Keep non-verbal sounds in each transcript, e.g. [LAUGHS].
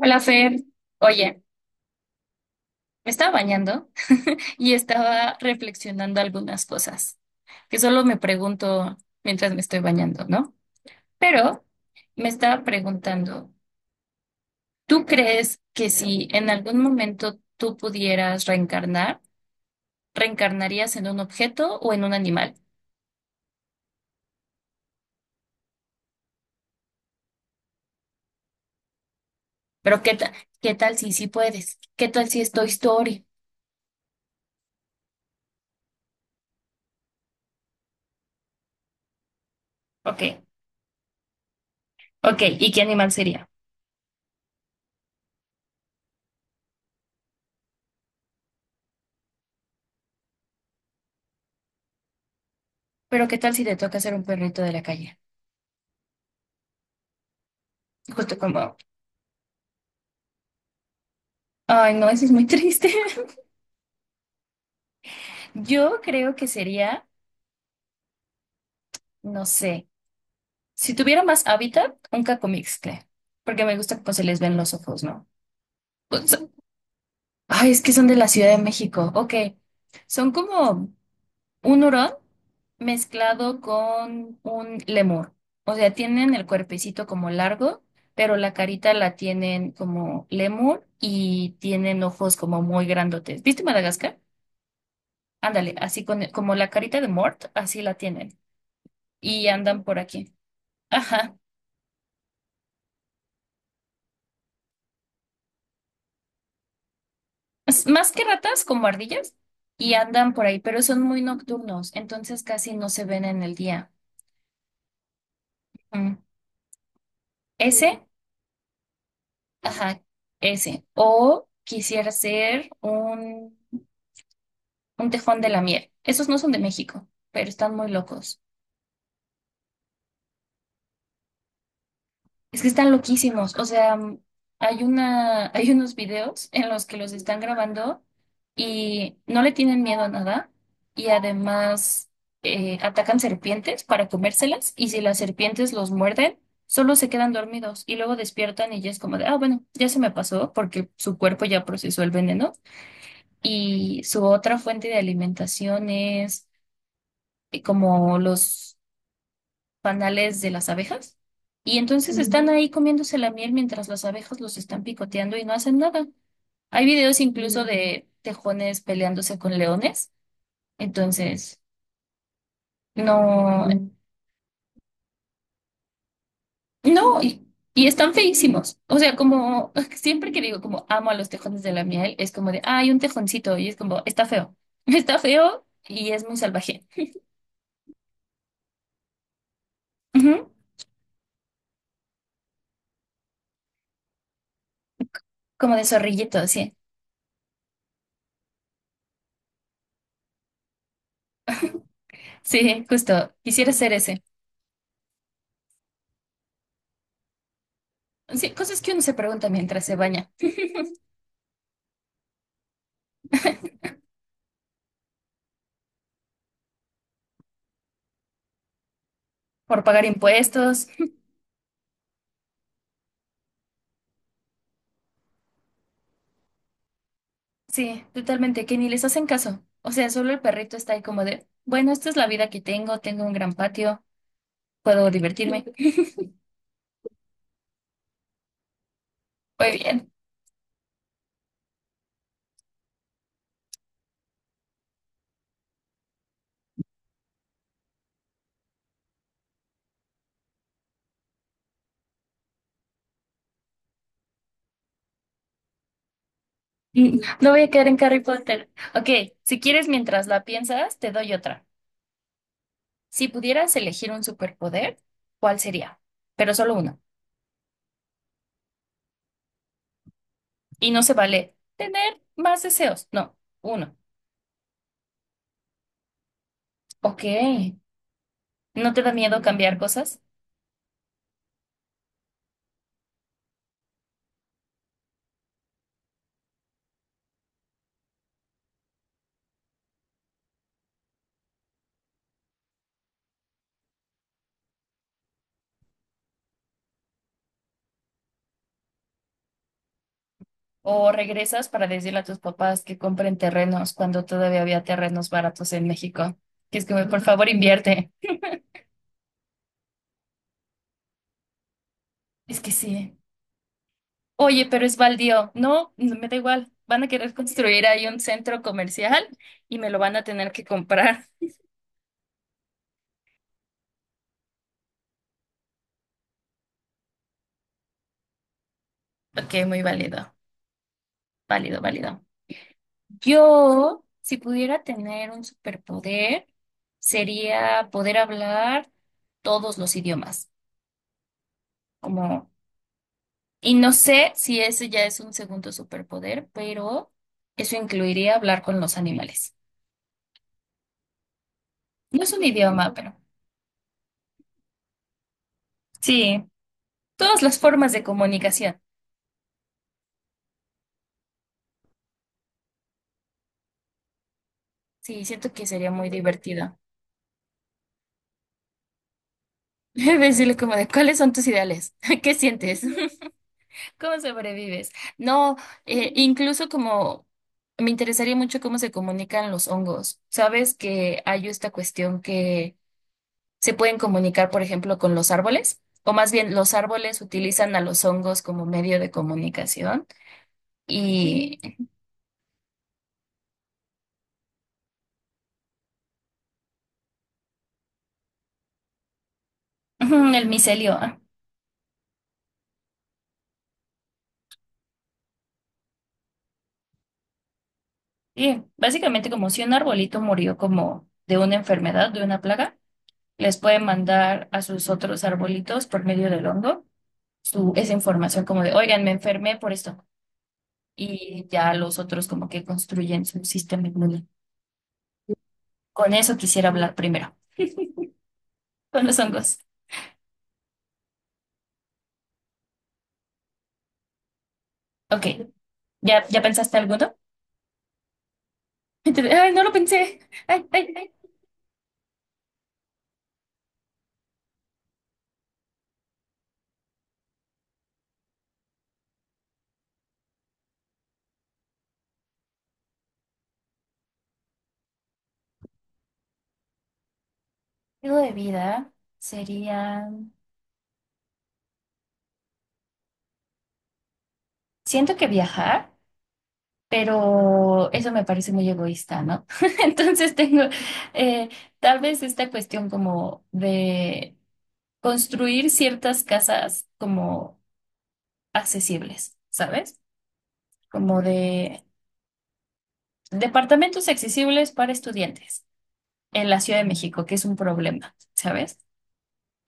Hola, Fer. Oye, me estaba bañando y estaba reflexionando algunas cosas que solo me pregunto mientras me estoy bañando, ¿no? Pero me estaba preguntando, ¿tú crees que si en algún momento tú pudieras reencarnar, reencarnarías en un objeto o en un animal? Pero ¿qué tal si sí puedes? ¿Qué tal si es Toy Story? Ok, ok, ¿y qué animal sería? Pero ¿qué tal si te toca ser un perrito de la calle? Justo como, ay, no, eso es muy triste. Yo creo que sería, no sé, si tuviera más hábitat, un cacomixtle, porque me gusta cómo se les ven los ojos, ¿no? Pues, ay, es que son de la Ciudad de México. Ok, son como un hurón mezclado con un lemur. O sea, tienen el cuerpecito como largo, pero la carita la tienen como lemur y tienen ojos como muy grandotes. ¿Viste Madagascar? Ándale, así con, como la carita de Mort, así la tienen. Y andan por aquí. Ajá. Es más que ratas, como ardillas, y andan por ahí, pero son muy nocturnos, entonces casi no se ven en el día. Mm. Mm. Ese, ajá, ese. O quisiera ser un tejón de la miel. Esos no son de México, pero están muy locos. Es que están loquísimos. O sea, hay unos videos en los que los están grabando y no le tienen miedo a nada. Y además atacan serpientes para comérselas. Y si las serpientes los muerden, solo se quedan dormidos y luego despiertan y ya es como de, ah, bueno, ya se me pasó porque su cuerpo ya procesó el veneno. Y su otra fuente de alimentación es como los panales de las abejas y entonces ujú, están ahí comiéndose la miel mientras las abejas los están picoteando y no hacen nada. Hay videos incluso de tejones peleándose con leones, entonces no. Mm. No, y están feísimos. O sea, como [LAUGHS] siempre que digo como amo a los tejones de la miel, es como de, ah, hay un tejoncito y es como, está feo, [LAUGHS] está feo y es muy salvaje. Ujú. Como de zorrillito, sí. Sí, justo. Quisiera ser ese. Sí, cosas que uno se pregunta mientras se baña. Por pagar impuestos. Sí, totalmente, que ni les hacen caso. O sea, solo el perrito está ahí como de, bueno, esta es la vida que tengo, tengo un gran patio, puedo divertirme. Muy bien. Mm, no voy a caer en Harry Potter. Ok, si quieres, mientras la piensas, te doy otra. Si pudieras elegir un superpoder, ¿cuál sería? Pero solo uno. Y no se vale tener más deseos. No, uno. Ok. ¿No te da miedo cambiar cosas? O regresas para decirle a tus papás que compren terrenos cuando todavía había terrenos baratos en México. Que es como, por favor, invierte. Es que sí. Oye, pero es baldío. No, no me da igual. Van a querer construir ahí un centro comercial y me lo van a tener que comprar. [LAUGHS] Ok, muy válido. Válido, válido. Yo, si pudiera tener un superpoder, sería poder hablar todos los idiomas. Como y no sé si ese ya es un segundo superpoder, pero eso incluiría hablar con los animales. No es un idioma, pero sí, todas las formas de comunicación. Sí, siento que sería muy divertido. [LAUGHS] Decirle como de, ¿cuáles son tus ideales? [LAUGHS] ¿Qué sientes? [LAUGHS] ¿Cómo sobrevives? No, incluso como me interesaría mucho cómo se comunican los hongos. Sabes que hay esta cuestión que se pueden comunicar, por ejemplo, con los árboles, o más bien los árboles utilizan a los hongos como medio de comunicación y ujú, el micelio. Ah, sí, básicamente como si un arbolito murió como de una enfermedad, de una plaga, les pueden mandar a sus otros arbolitos por medio del hongo su, esa información como de, oigan, me enfermé por esto. Y ya los otros como que construyen su sistema inmune. Con eso quisiera hablar primero, con los hongos. Ok, ya pensaste alguno? Entonces, ay, no lo pensé. Ay, ay, ay. Estilo de vida sería, siento que viajar, pero eso me parece muy egoísta, ¿no? [LAUGHS] Entonces tengo eh, tal vez esta cuestión como de construir ciertas casas como accesibles, ¿sabes? Como de departamentos accesibles para estudiantes en la Ciudad de México, que es un problema, ¿sabes?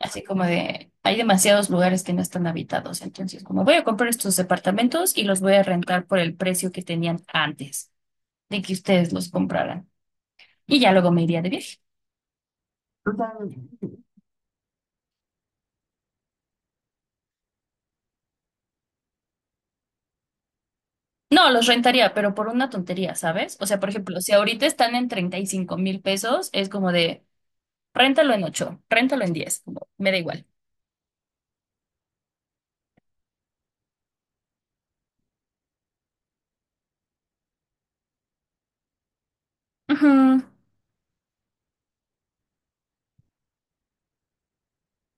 Así como de, hay demasiados lugares que no están habitados. Entonces, como voy a comprar estos departamentos y los voy a rentar por el precio que tenían antes de que ustedes los compraran. Y ya luego me iría de viaje. O sea, no, los rentaría, pero por una tontería, ¿sabes? O sea, por ejemplo, si ahorita están en 35,000 pesos, es como de, réntalo en 8 réntalo en 10 como, me da igual. Ujú.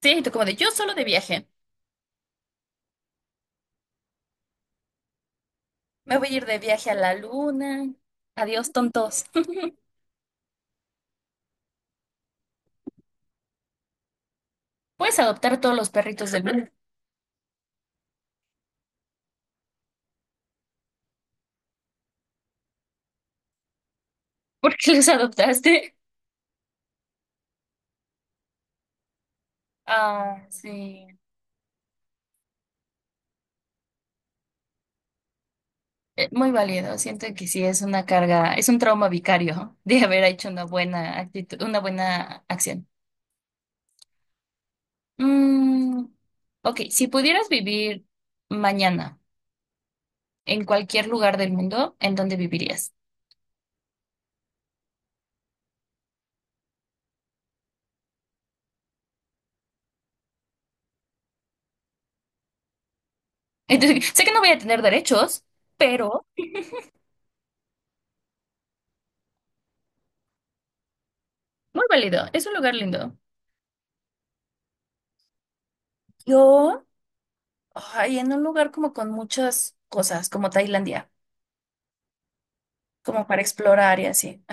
Sí, y tú como de, yo solo de viaje. Me voy a ir de viaje a la luna. Adiós, tontos. [LAUGHS] Puedes adoptar todos los perritos del mundo. ¿Por qué [LAUGHS] los adoptaste? Ah, sí. Muy válido. Siento que sí es una carga, es un trauma vicario de haber hecho una buena actitud, una buena acción. Mm, ok, si pudieras vivir mañana en cualquier lugar del mundo, ¿en dónde vivirías? [LAUGHS] Entonces, sé que no voy a tener derechos, pero muy válido. Es un lugar lindo. Yo, ay, en un lugar como con muchas cosas, como Tailandia, como para explorar y así.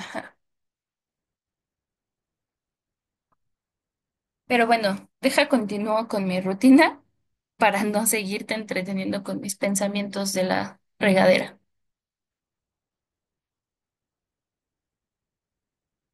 Pero bueno, deja continúo con mi rutina para no seguirte entreteniendo con mis pensamientos de la regadera.